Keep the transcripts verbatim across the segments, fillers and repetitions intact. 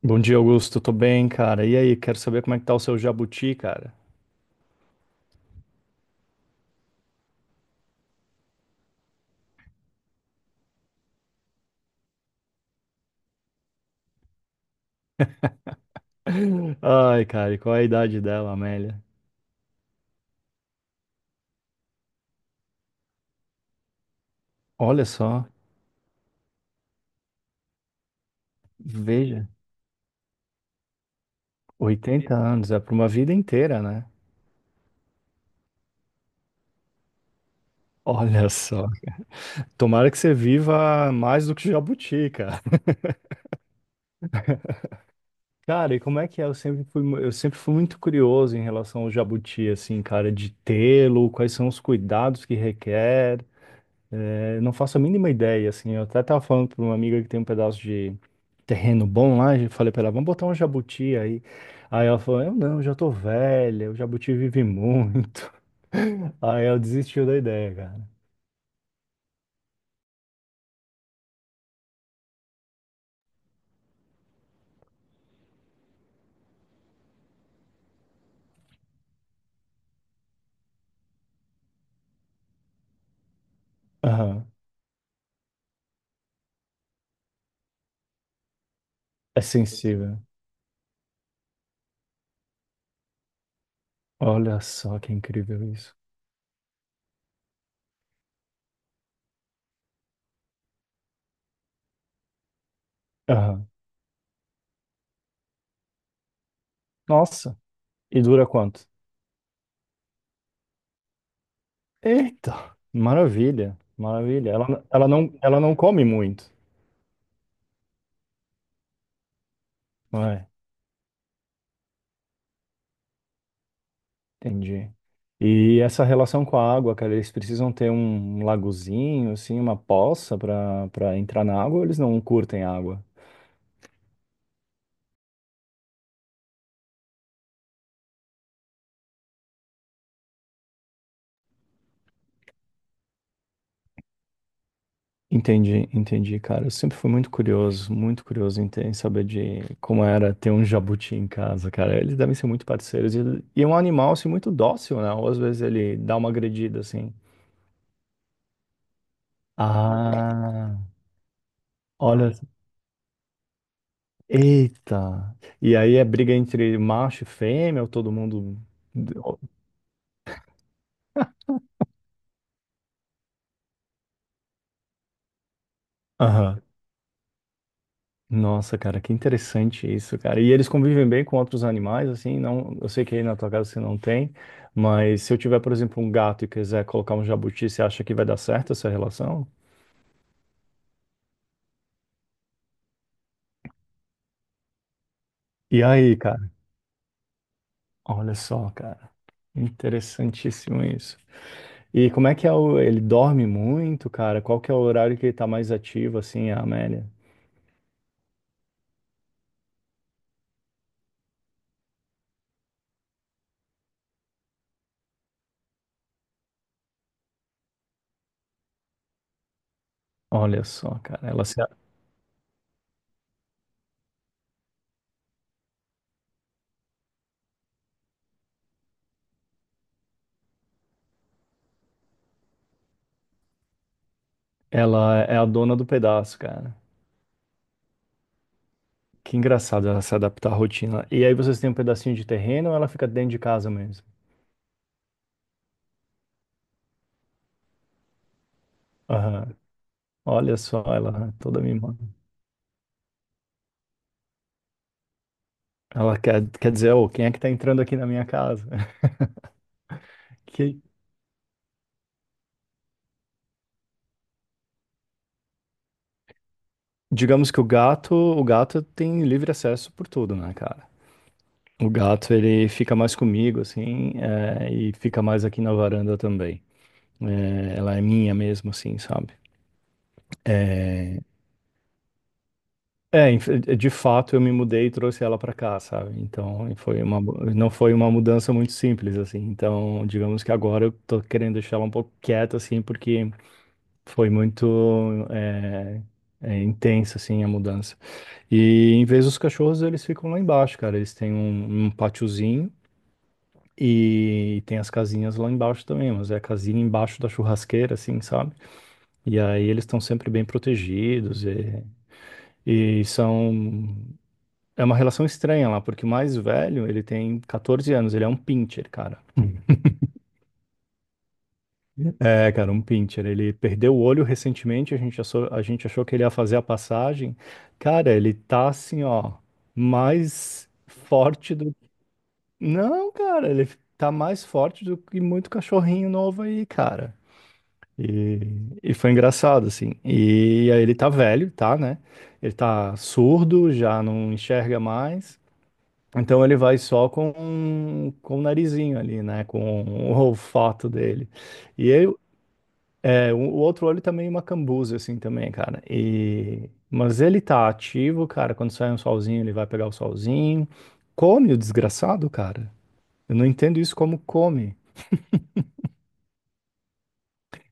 Bom dia, Augusto. Tô bem, cara. E aí, quero saber como é que tá o seu jabuti, cara. Ai, cara, e qual é a idade dela, Amélia? Olha só, veja, oitenta anos, é pra uma vida inteira, né? Olha só. Tomara que você viva mais do que jabuti, cara. Cara, e como é que é? Eu sempre fui, mu- eu sempre fui muito curioso em relação ao jabuti, assim, cara, de tê-lo, quais são os cuidados que requer. É, eu não faço a mínima ideia, assim. Eu até tava falando para uma amiga que tem um pedaço de terreno bom lá, e falei para ela, vamos botar um jabuti aí. Aí ela falou, eu não, já tô velha, o jabuti vive muito. Aí ela desistiu da ideia, cara. Aham. É sensível. Olha só que incrível isso. Aham. Nossa. E dura quanto? Eita, maravilha, maravilha. Ela, ela não, ela não come muito. Entendi. E essa relação com a água, cara, eles precisam ter um lagozinho, assim, uma poça para para entrar na água, ou eles não curtem água? Entendi, entendi, cara. Eu sempre fui muito curioso, muito curioso em, ter- em saber de como era ter um jabuti em casa, cara. Eles devem ser muito parceiros. E, e é um animal, assim, muito dócil, né? Ou às vezes ele dá uma agredida, assim. Ah, olha. Eita! E aí é briga entre macho e fêmea, ou todo mundo. Aham. Nossa, cara, que interessante isso, cara. E eles convivem bem com outros animais, assim, não, eu sei que aí na tua casa você não tem, mas se eu tiver, por exemplo, um gato e quiser colocar um jabuti, você acha que vai dar certo essa relação? E aí, cara? Olha só, cara. Interessantíssimo isso. E como é que é o, ele dorme muito, cara? Qual que é o horário que ele tá mais ativo, assim, a Amélia? Olha só, cara, ela, se- ela é a dona do pedaço, cara. Que engraçado ela se adaptar à rotina. E aí vocês têm um pedacinho de terreno ou ela fica dentro de casa mesmo? Aham. Olha só, ela toda mimada. Ela quer, quer dizer, ô, quem é que tá entrando aqui na minha casa? Que, digamos que o gato, o gato tem livre acesso por tudo, né, cara? O gato, ele fica mais comigo, assim, é, e fica mais aqui na varanda também. É, ela é minha mesmo, assim, sabe? É, É, inf- eh, de fato eu me mudei e trouxe ela para cá, sabe? Então foi uma, mu- não foi uma mudança muito simples assim. Então, digamos que agora eu tô querendo deixar ela um pouco quieta assim, porque foi muito é, é, intensa assim a mudança. E em vez dos cachorros eles ficam lá embaixo, cara. Eles têm um, um patiozinho e tem as casinhas lá embaixo também, mas é a casinha embaixo da churrasqueira assim, sabe? E aí eles estão sempre bem protegidos e, e são. É uma relação estranha lá, porque o mais velho, ele tem quatorze anos, ele é um pincher, cara. É, cara, um pincher. Ele perdeu o olho recentemente, a gente achou, a gente achou que ele ia fazer a passagem. Cara, ele tá assim, ó, mais forte do. Não, cara, ele tá mais forte do que muito cachorrinho novo aí, cara. E, e foi engraçado, assim. E aí ele tá velho, tá, né? Ele tá surdo, já não enxerga mais. Então ele vai só com, com o narizinho ali, né? Com o olfato dele. E eu, é, o o outro olho também é uma cambuza, assim, também, cara. E, mas ele tá ativo, cara. Quando sai um solzinho, ele vai pegar o solzinho. Come o desgraçado, cara. Eu não entendo isso como come.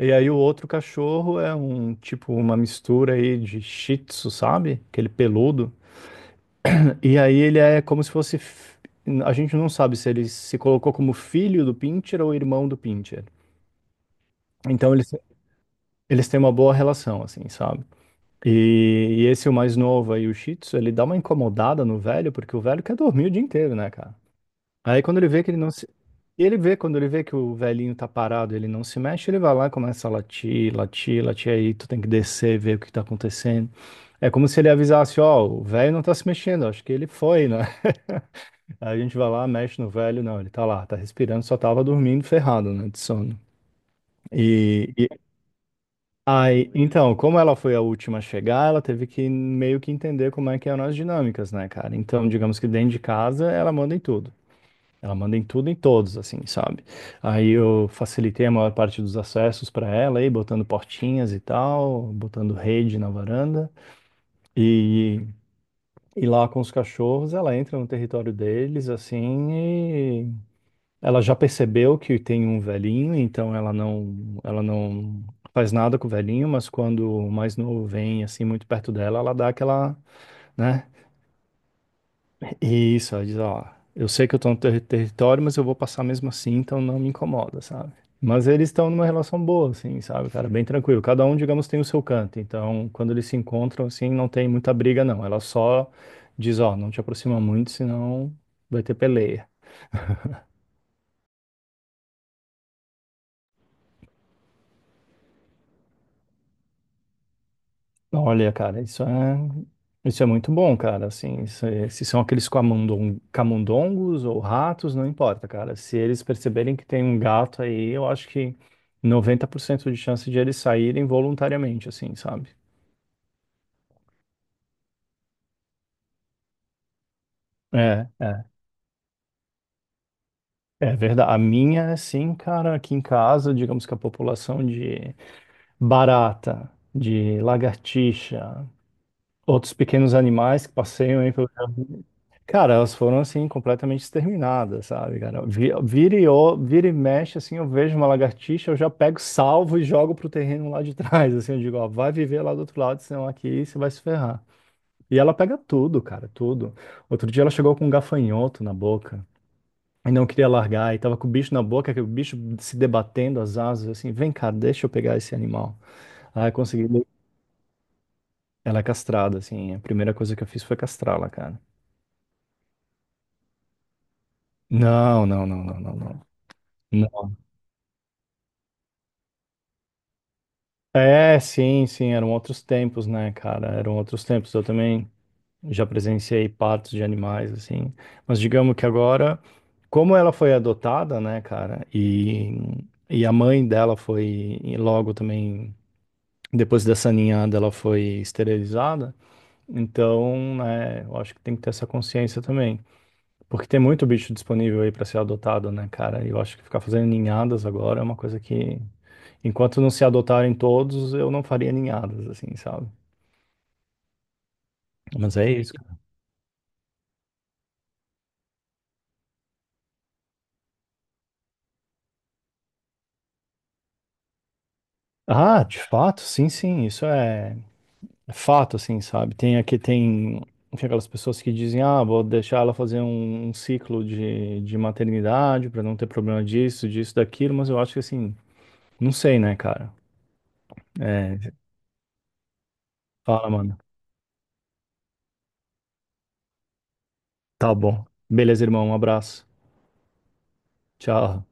E aí o outro cachorro é um tipo uma mistura aí de Shih Tzu, sabe? Aquele peludo. E aí ele é como se fosse. f- A gente não sabe se ele se colocou como filho do Pincher ou irmão do Pincher. Então eles, eles têm uma boa relação, assim, sabe? E, e esse, o mais novo aí, o Shih Tzu, ele dá uma incomodada no velho, porque o velho quer dormir o dia inteiro, né, cara? Aí quando ele vê que ele não se. Ele vê, quando ele vê que o velhinho tá parado, ele não se mexe, ele vai lá e começa a latir, latir, latir, aí tu tem que descer, ver o que tá acontecendo. É como se ele avisasse, ó, o velho não tá se mexendo, acho que ele foi, né? Aí a gente vai lá, mexe no velho, não, ele tá lá, tá respirando, só tava dormindo ferrado, né, de sono. E, e aí, então, como ela foi a última a chegar, ela teve que meio que entender como é que eram as dinâmicas, né, cara? Então, digamos que dentro de casa, ela manda em tudo. Ela manda em tudo, e em todos, assim, sabe? Aí eu facilitei a maior parte dos acessos para ela, aí botando portinhas e tal, botando rede na varanda. E e lá com os cachorros, ela entra no território deles, assim, ela já percebeu que tem um velhinho, então ela não, ela não faz nada com o velhinho, mas quando o mais novo vem assim muito perto dela, ela dá aquela, né? E isso, ela diz, ó, eu sei que eu tô no ter- território, mas eu vou passar mesmo assim, então não me incomoda, sabe? Mas eles estão numa relação boa, assim, sabe, cara? É bem tranquilo. Cada um, digamos, tem o seu canto. Então, quando eles se encontram, assim, não tem muita briga, não. Ela só diz, ó, não te aproxima muito, senão vai ter peleia. Olha, cara, isso é, isso é muito bom, cara. Assim, isso é- se são aqueles camundong- camundongos ou ratos, não importa, cara. Se eles perceberem que tem um gato aí, eu acho que noventa por cento de chance de eles saírem voluntariamente, assim, sabe? É, é. É verdade. A minha, assim, cara, aqui em casa, digamos que a população de barata, de lagartixa, outros pequenos animais que passeiam aí pelo jardim. Cara, elas foram assim completamente exterminadas, sabe, cara? Vi- Vira e, o- vira e mexe, assim, eu vejo uma lagartixa, eu já pego, salvo e jogo pro terreno lá de trás, assim, eu digo, ó, vai viver lá do outro lado, senão aqui você vai se ferrar. E ela pega tudo, cara, tudo. Outro dia ela chegou com um gafanhoto na boca e não queria largar, e tava com o bicho na boca, que o bicho se debatendo as asas, assim, vem cá, deixa eu pegar esse animal. Aí consegui. Ela é castrada, assim, a primeira coisa que eu fiz foi castrá-la, cara. Não, não, não, não, não, não. Não. É, sim, sim, eram outros tempos, né, cara? Eram outros tempos. Eu também já presenciei partos de animais, assim. Mas digamos que agora, como ela foi adotada, né, cara, e, e a mãe dela foi, e logo também, depois dessa ninhada, ela foi esterilizada. Então, né, eu acho que tem que ter essa consciência também. Porque tem muito bicho disponível aí para ser adotado, né, cara? E eu acho que ficar fazendo ninhadas agora é uma coisa que. Enquanto não se adotarem todos, eu não faria ninhadas, assim, sabe? Mas é isso, cara. Ah, de fato, sim, sim, isso é é fato, assim, sabe? Tem aqui, tem, tem aquelas pessoas que dizem, ah, vou deixar ela fazer um, um ciclo de, de maternidade para não ter problema disso, disso, daquilo, mas eu acho que, assim, não sei, né, cara? É, fala, mano. Tá bom. Beleza, irmão, um abraço. Tchau.